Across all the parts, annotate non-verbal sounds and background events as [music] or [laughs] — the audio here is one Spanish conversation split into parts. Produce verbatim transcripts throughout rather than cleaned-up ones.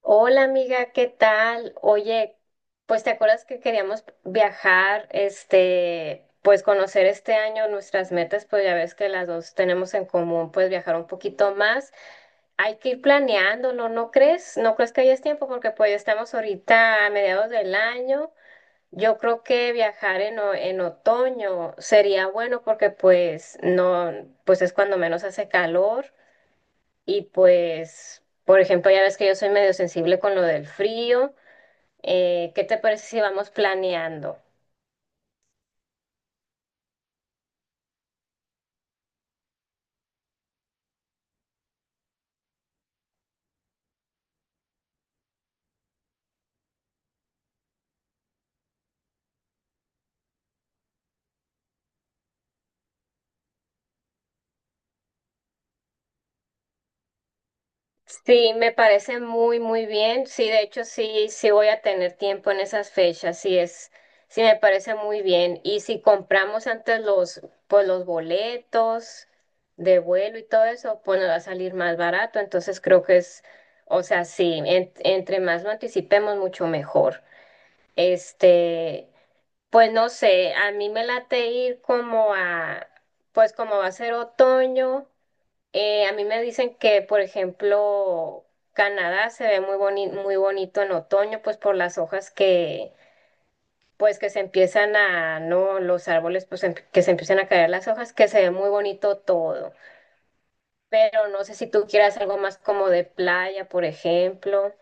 Hola amiga, ¿qué tal? Oye, pues te acuerdas que queríamos viajar, este, pues conocer este año nuestras metas, pues ya ves que las dos tenemos en común, pues viajar un poquito más. Hay que ir planeándolo, ¿no crees? ¿No crees que hayas tiempo? Porque pues ya estamos ahorita a mediados del año. Yo creo que viajar en, o- en otoño sería bueno porque pues no, pues es cuando menos hace calor. Y pues, por ejemplo, ya ves que yo soy medio sensible con lo del frío. Eh, ¿qué te parece si vamos planeando? Sí, me parece muy, muy bien. Sí, de hecho, sí, sí voy a tener tiempo en esas fechas. Sí es, sí me parece muy bien. Y si compramos antes los, pues los boletos de vuelo y todo eso, pues nos va a salir más barato. Entonces creo que es, o sea, sí, en- entre más lo anticipemos, mucho mejor. Este, Pues no sé, a mí me late ir como a, pues como va a ser otoño, eh, a mí me dicen que, por ejemplo, Canadá se ve muy boni- muy bonito en otoño, pues por las hojas que, pues que se empiezan a, no, los árboles, pues em- que se empiezan a caer las hojas, que se ve muy bonito todo. Pero no sé si tú quieras algo más como de playa, por ejemplo.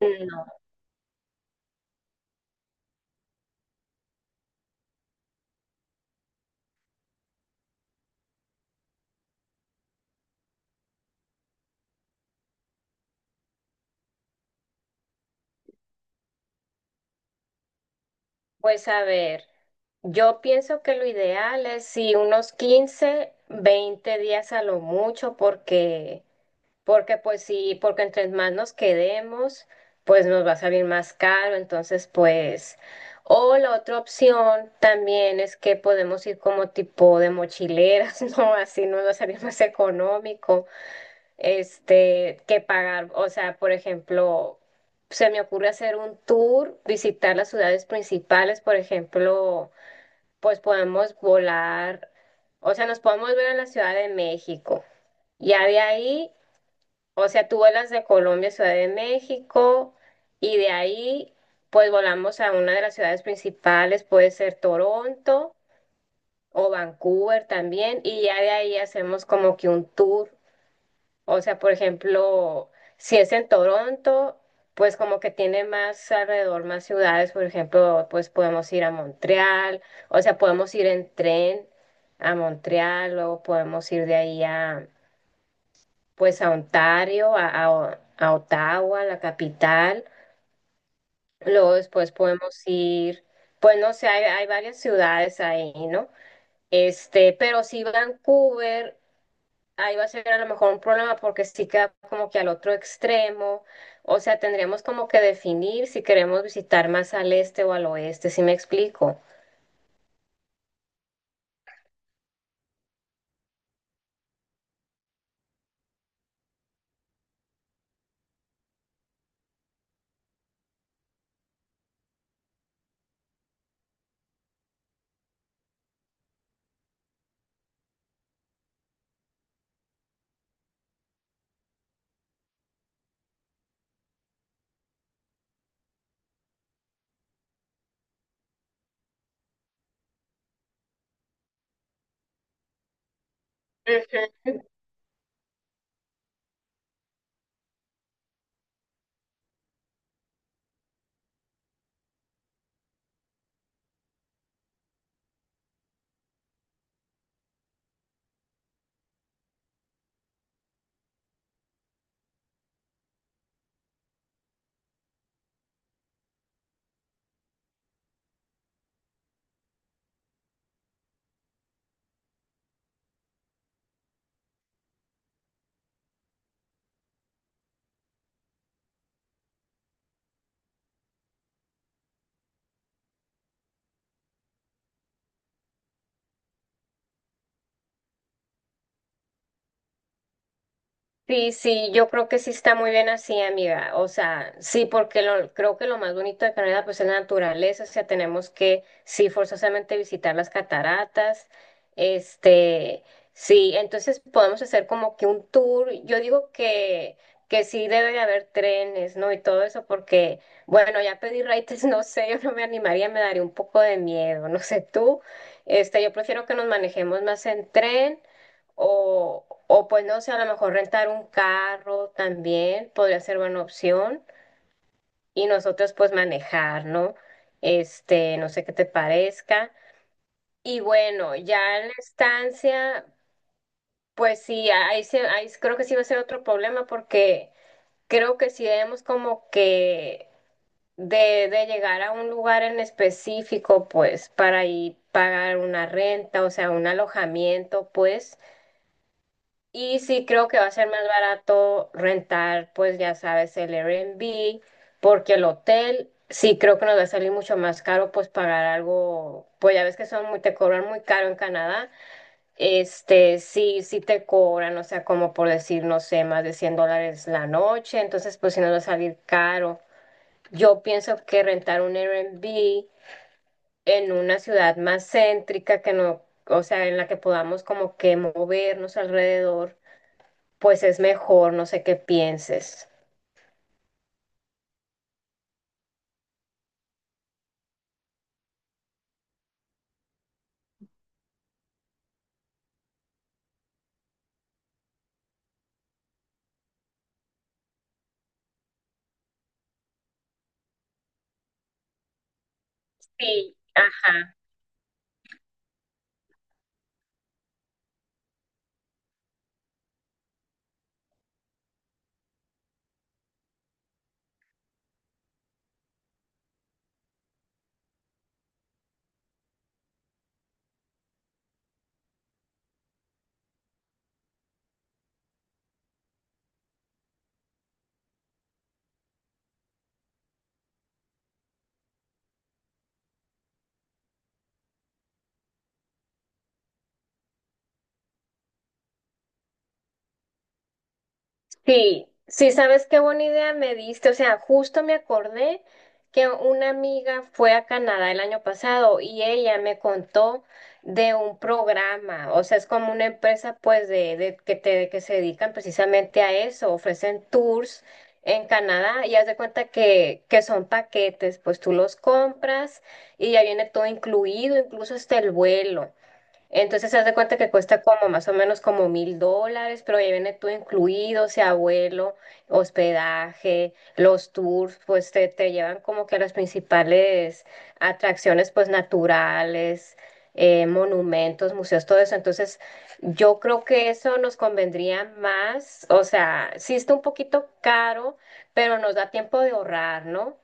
Ujú. Pues a ver, yo pienso que lo ideal es si unos quince, veinte días a lo mucho, porque, porque pues sí, porque entre más nos quedemos, pues nos va a salir más caro, entonces pues, o la otra opción también es que podemos ir como tipo de mochileras, [laughs] ¿no? Así nos va a salir más económico este, que pagar. O sea, por ejemplo, se me ocurre hacer un tour, visitar las ciudades principales, por ejemplo, pues podemos volar, o sea, nos podemos ver en la Ciudad de México. Ya de ahí, o sea, tú vuelas de Colombia a Ciudad de México y de ahí, pues volamos a una de las ciudades principales, puede ser Toronto o Vancouver también, y ya de ahí hacemos como que un tour. O sea, por ejemplo, si es en Toronto, pues como que tiene más alrededor, más ciudades, por ejemplo, pues podemos ir a Montreal, o sea, podemos ir en tren a Montreal, luego podemos ir de ahí a, pues a Ontario, a, a- a Ottawa, la capital, luego después podemos ir, pues no sé, hay, hay varias ciudades ahí, ¿no? Este, pero si Vancouver ahí va a ser a lo mejor un problema porque sí queda como que al otro extremo, o sea, tendríamos como que definir si queremos visitar más al este o al oeste, si me explico. Ujú. Sí, sí, yo creo que sí está muy bien así, amiga. O sea, sí, porque lo, creo que lo más bonito de Canadá pues es la naturaleza, o sea, tenemos que sí forzosamente visitar las cataratas. Este, sí, entonces podemos hacer como que un tour. Yo digo que que sí debe de haber trenes, ¿no? Y todo eso porque bueno, ya pedí raites, [laughs] no sé, yo no me animaría, me daría un poco de miedo, no sé tú. Este, yo prefiero que nos manejemos más en tren. O, o pues no sé, a lo mejor rentar un carro también podría ser buena opción y nosotros pues manejar, ¿no? Este, no sé qué te parezca. Y bueno, ya en la estancia, pues sí, ahí, se- ahí creo que sí va a ser otro problema porque creo que si debemos como que de, de llegar a un lugar en específico, pues para ir pagar una renta, o sea, un alojamiento, pues. Y sí, creo que va a ser más barato rentar, pues ya sabes, el Airbnb, porque el hotel sí creo que nos va a salir mucho más caro, pues pagar algo, pues ya ves que son muy, te cobran muy caro en Canadá, este, sí, sí te cobran, o sea, como por decir, no sé, más de cien dólares la noche, entonces pues sí nos va a salir caro. Yo pienso que rentar un Airbnb en una ciudad más céntrica que no, o sea, en la que podamos como que movernos alrededor pues es mejor, no sé qué pienses. Sí, ah, sí, sí, sabes qué buena idea me diste. O sea, justo me acordé que una amiga fue a Canadá el año pasado y ella me contó de un programa. O sea, es como una empresa, pues, de, de que te, que se dedican precisamente a eso. Ofrecen tours en Canadá y haz de cuenta que, que son paquetes, pues tú los compras y ya viene todo incluido, incluso hasta el vuelo. Entonces se hace cuenta que cuesta como más o menos como mil dólares, pero ya viene todo incluido, o sea, vuelo, hospedaje, los tours, pues te, te llevan como que a las principales atracciones pues naturales, eh, monumentos, museos, todo eso. Entonces yo creo que eso nos convendría más, o sea, sí está un poquito caro, pero nos da tiempo de ahorrar, ¿no?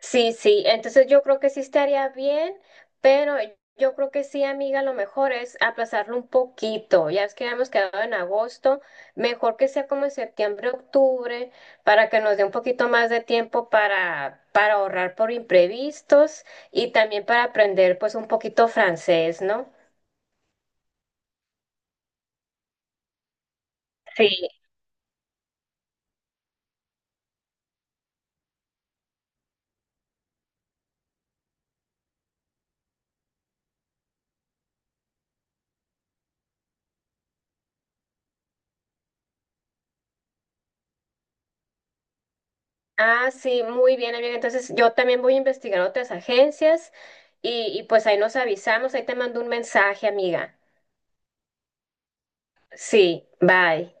Sí, sí, entonces yo creo que sí estaría bien, pero yo creo que sí, amiga, lo mejor es aplazarlo un poquito. Ya es que habíamos quedado en agosto, mejor que sea como en septiembre, octubre, para que nos dé un poquito más de tiempo para, para ahorrar por imprevistos y también para aprender pues un poquito francés, ¿no? Sí. Ah, sí, muy bien, amiga. Entonces yo también voy a investigar otras agencias y, y pues ahí nos avisamos, ahí te mando un mensaje, amiga. Sí, bye.